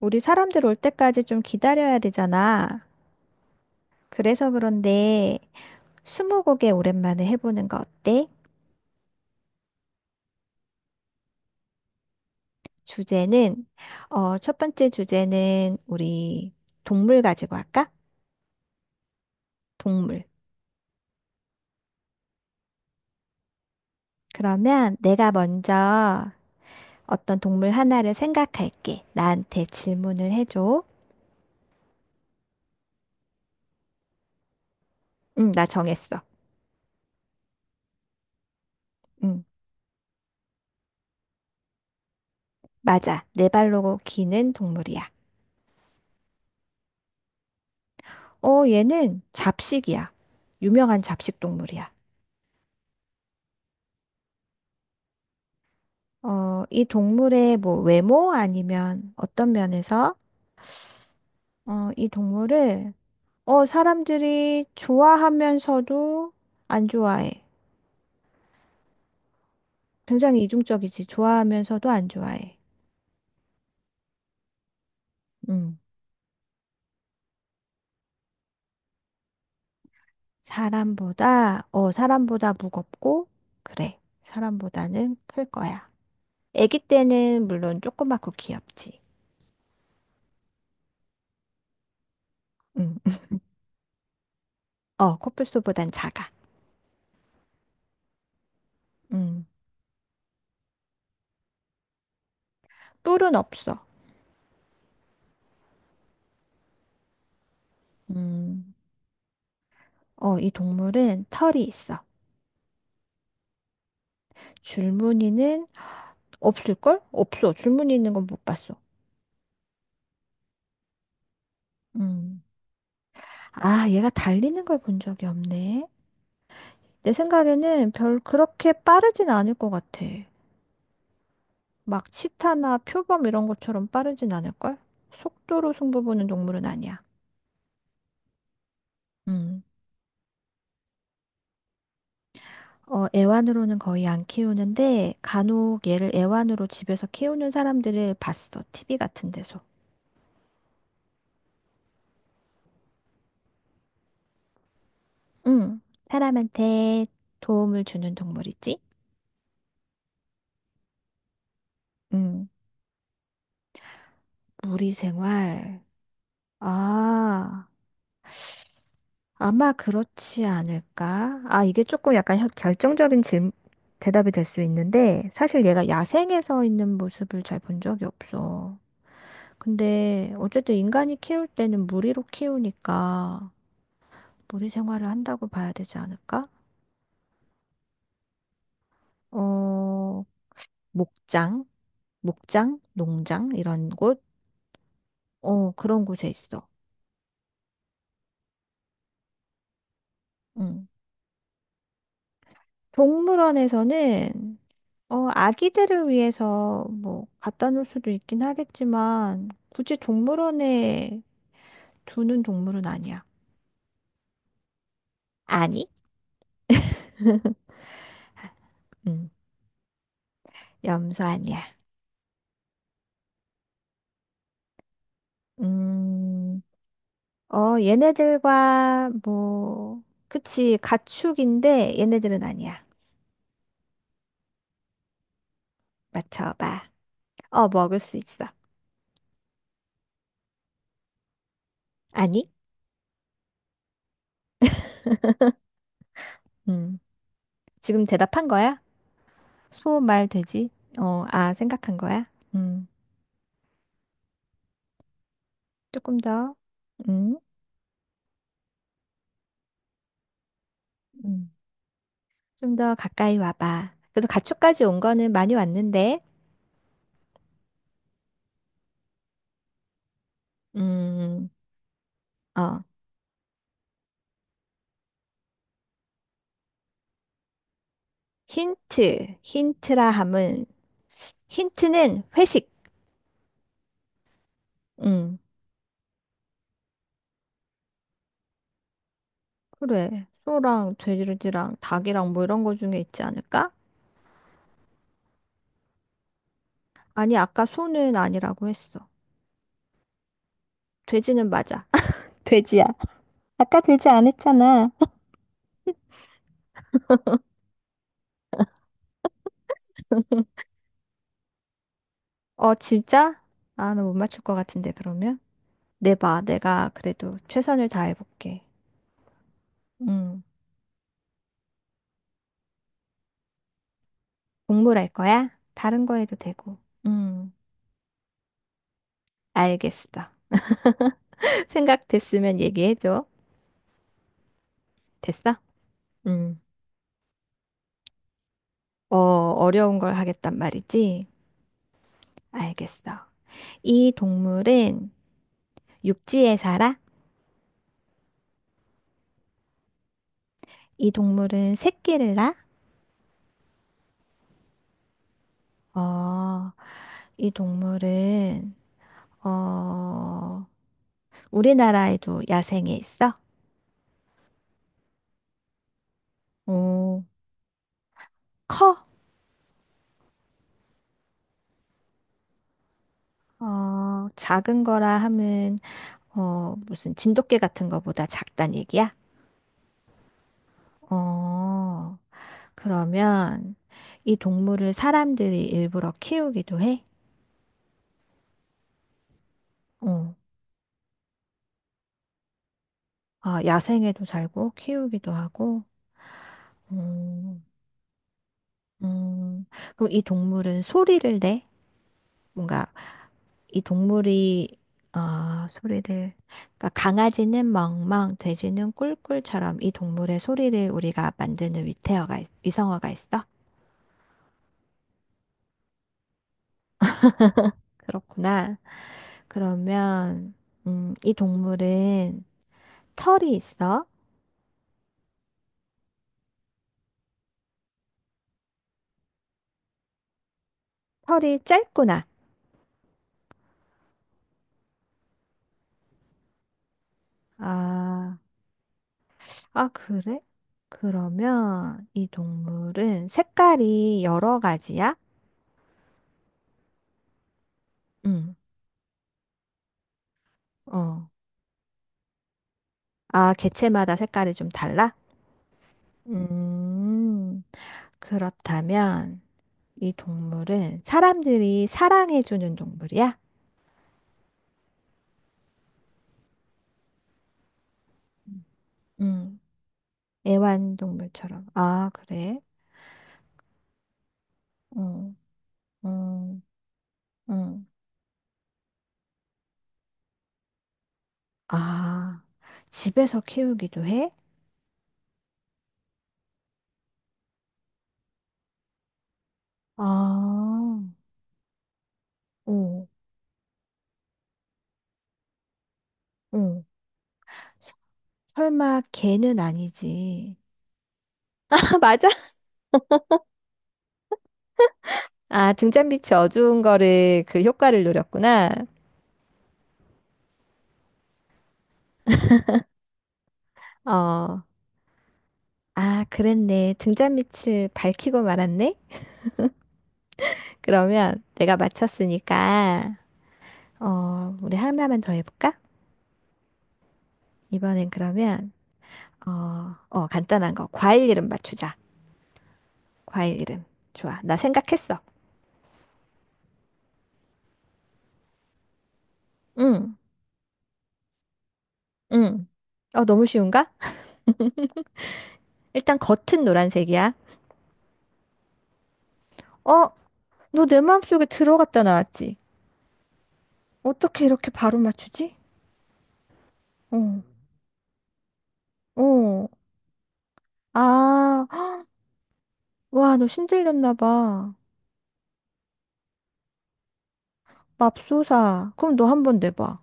우리 사람들 올 때까지 좀 기다려야 되잖아. 그래서 그런데 스무고개 오랜만에 해보는 거 어때? 주제는 첫 번째 주제는 우리 동물 가지고 할까? 동물. 그러면 내가 먼저 어떤 동물 하나를 생각할게. 나한테 질문을 해줘. 응, 나 정했어. 응, 맞아. 네 발로 기는 동물이야. 어, 얘는 잡식이야. 유명한 잡식 동물이야. 어, 이 동물의 뭐 외모 아니면 어떤 면에서 이 동물을 사람들이 좋아하면서도 안 좋아해. 굉장히 이중적이지. 좋아하면서도 안 좋아해. 음. 사람보다 사람보다 무겁고 그래. 사람보다는 클 거야. 아기 때는 물론 조그맣고 귀엽지. 음. 음. 어, 코뿔소보단 작아. 음. 뿔은 없어. 음. 어, 이 동물은 털이 있어. 줄무늬는 없을걸? 없어. 줄무늬 있는 건 못 봤어. 음. 아, 얘가 달리는 걸 본 적이 없네. 내 생각에는 별 그렇게 빠르진 않을 것 같아. 막 치타나 표범 이런 것처럼 빠르진 않을걸? 속도로 승부 보는 동물은 아니야. 음. 어, 애완으로는 거의 안 키우는데 간혹 얘를 애완으로 집에서 키우는 사람들을 봤어. TV 같은 데서. 음. 사람한테 도움을 주는 동물이지? 음. 무리 생활. 아. 아마 그렇지 않을까? 아, 이게 조금 약간 결정적인 대답이 될 수 있는데, 사실 얘가 야생에서 있는 모습을 잘 본 적이 없어. 근데, 어쨌든 인간이 키울 때는 무리로 키우니까, 무리 생활을 한다고 봐야 되지 않을까? 어, 목장, 목장, 농장, 이런 곳? 어, 그런 곳에 있어. 응. 동물원에서는 어, 아기들을 위해서 뭐 갖다 놓을 수도 있긴 하겠지만 굳이 동물원에 두는 동물은 아니야. 아니? 음, 염소 아니야. 음, 어, 얘네들과 뭐, 그치, 가축인데 얘네들은 아니야. 맞춰봐. 어, 먹을 수 있어. 아니? 음, 지금 대답한 거야? 소, 말, 돼지? 어, 아, 생각한 거야? 음, 조금 더. 음, 음. 좀 더 가까이 와봐. 그래도 가축까지 온 거는 많이 왔는데, 음, 어, 힌트라 함은, 힌트는 회식. 음, 그래. 소랑 돼지랑 닭이랑 뭐 이런 거 중에 있지 않을까? 아니, 아까 소는 아니라고 했어. 돼지는 맞아. 돼지야. 아까 돼지 안 했잖아. 어, 진짜? 아, 나 못 맞출 것 같은데, 그러면? 내봐. 내가 그래도 최선을 다해볼게. 음, 동물 할 거야? 다른 거 해도 되고. 음. 알겠어. 생각됐으면 얘기해줘. 됐어? 음. 어, 어려운 걸 하겠단 말이지? 알겠어. 이 동물은 육지에 살아? 이 동물은 새끼를 낳아? 어, 이 동물은, 어, 우리나라에도 야생에 있어? 오, 커? 어, 작은 거라 하면, 어, 무슨 진돗개 같은 거보다 작단 얘기야? 어, 그러면 이 동물을 사람들이 일부러 키우기도 해? 어. 아, 야생에도 살고 키우기도 하고. 음, 음. 그럼 이 동물은 소리를 내? 뭔가 이 동물이 아, 소리를 그러니까 강아지는 멍멍, 돼지는 꿀꿀처럼 이 동물의 소리를 우리가 만드는 위성어가 있어? 그렇구나. 그러면 이 동물은 털이 있어? 털이 짧구나. 아, 아, 그래? 그러면 이 동물은 색깔이 여러 가지야? 응. 어. 아, 개체마다 색깔이 좀 달라? 음, 그렇다면 이 동물은 사람들이 사랑해주는 동물이야? 응. 애완동물처럼. 아, 그래? 응, 응, 응. 아, 집에서 키우기도 해? 아, 오, 오. 설마 개는 아니지? 맞아? 아, 등잔빛이 어두운 거를 그 효과를 노렸구나. 어, 아, 그랬네. 등잔빛을 밝히고 말았네. 그러면 내가 맞췄으니까, 어, 우리 하나만 더 해볼까? 이번엔 그러면, 간단한 거. 과일 이름 맞추자. 과일 이름. 좋아. 나 생각했어. 응, 응. 어, 너무 쉬운가? 일단 겉은 노란색이야. 어, 너 내 마음속에 들어갔다 나왔지? 어떻게 이렇게 바로 맞추지? 어, 어. 아, 와, 너 신들렸나 봐. 맙소사. 그럼 너 한번 내봐.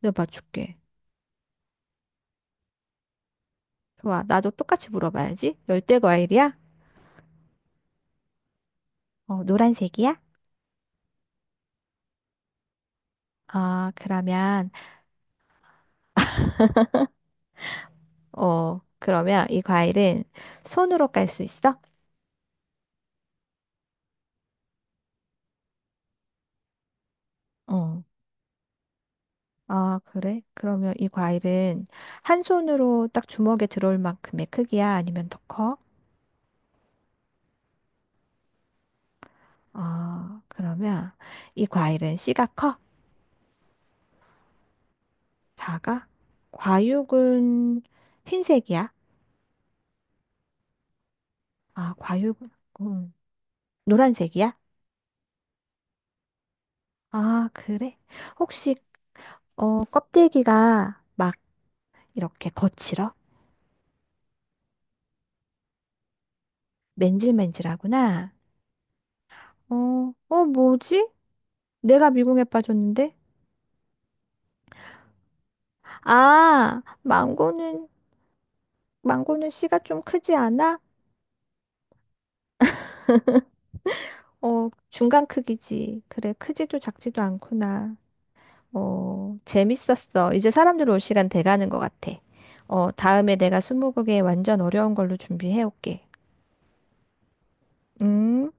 내가 맞출게. 좋아. 나도 똑같이 물어봐야지. 열대 과일이야? 어, 노란색이야? 아, 그러면, 어, 그러면 이 과일은 손으로 깔 수 있어? 어. 아, 그래? 그러면 이 과일은 한 손으로 딱 주먹에 들어올 만큼의 크기야? 아니면 더 커? 아, 그러면 이 과일은 씨가 커? 작아? 과육은 흰색이야? 아, 과육. 음. 노란색이야? 아, 그래? 혹시, 어, 껍데기가 막 이렇게 거칠어? 맨질맨질하구나. 어, 어, 뭐지? 내가 미궁에 빠졌는데? 아, 망고는, 망고는 씨가 좀 크지 않아? 어, 중간 크기지. 그래, 크지도 작지도 않구나. 어, 재밌었어. 이제 사람들 올 시간 돼가는 것 같아. 어, 다음에 내가 스무고개 완전 어려운 걸로 준비해 올게. 음.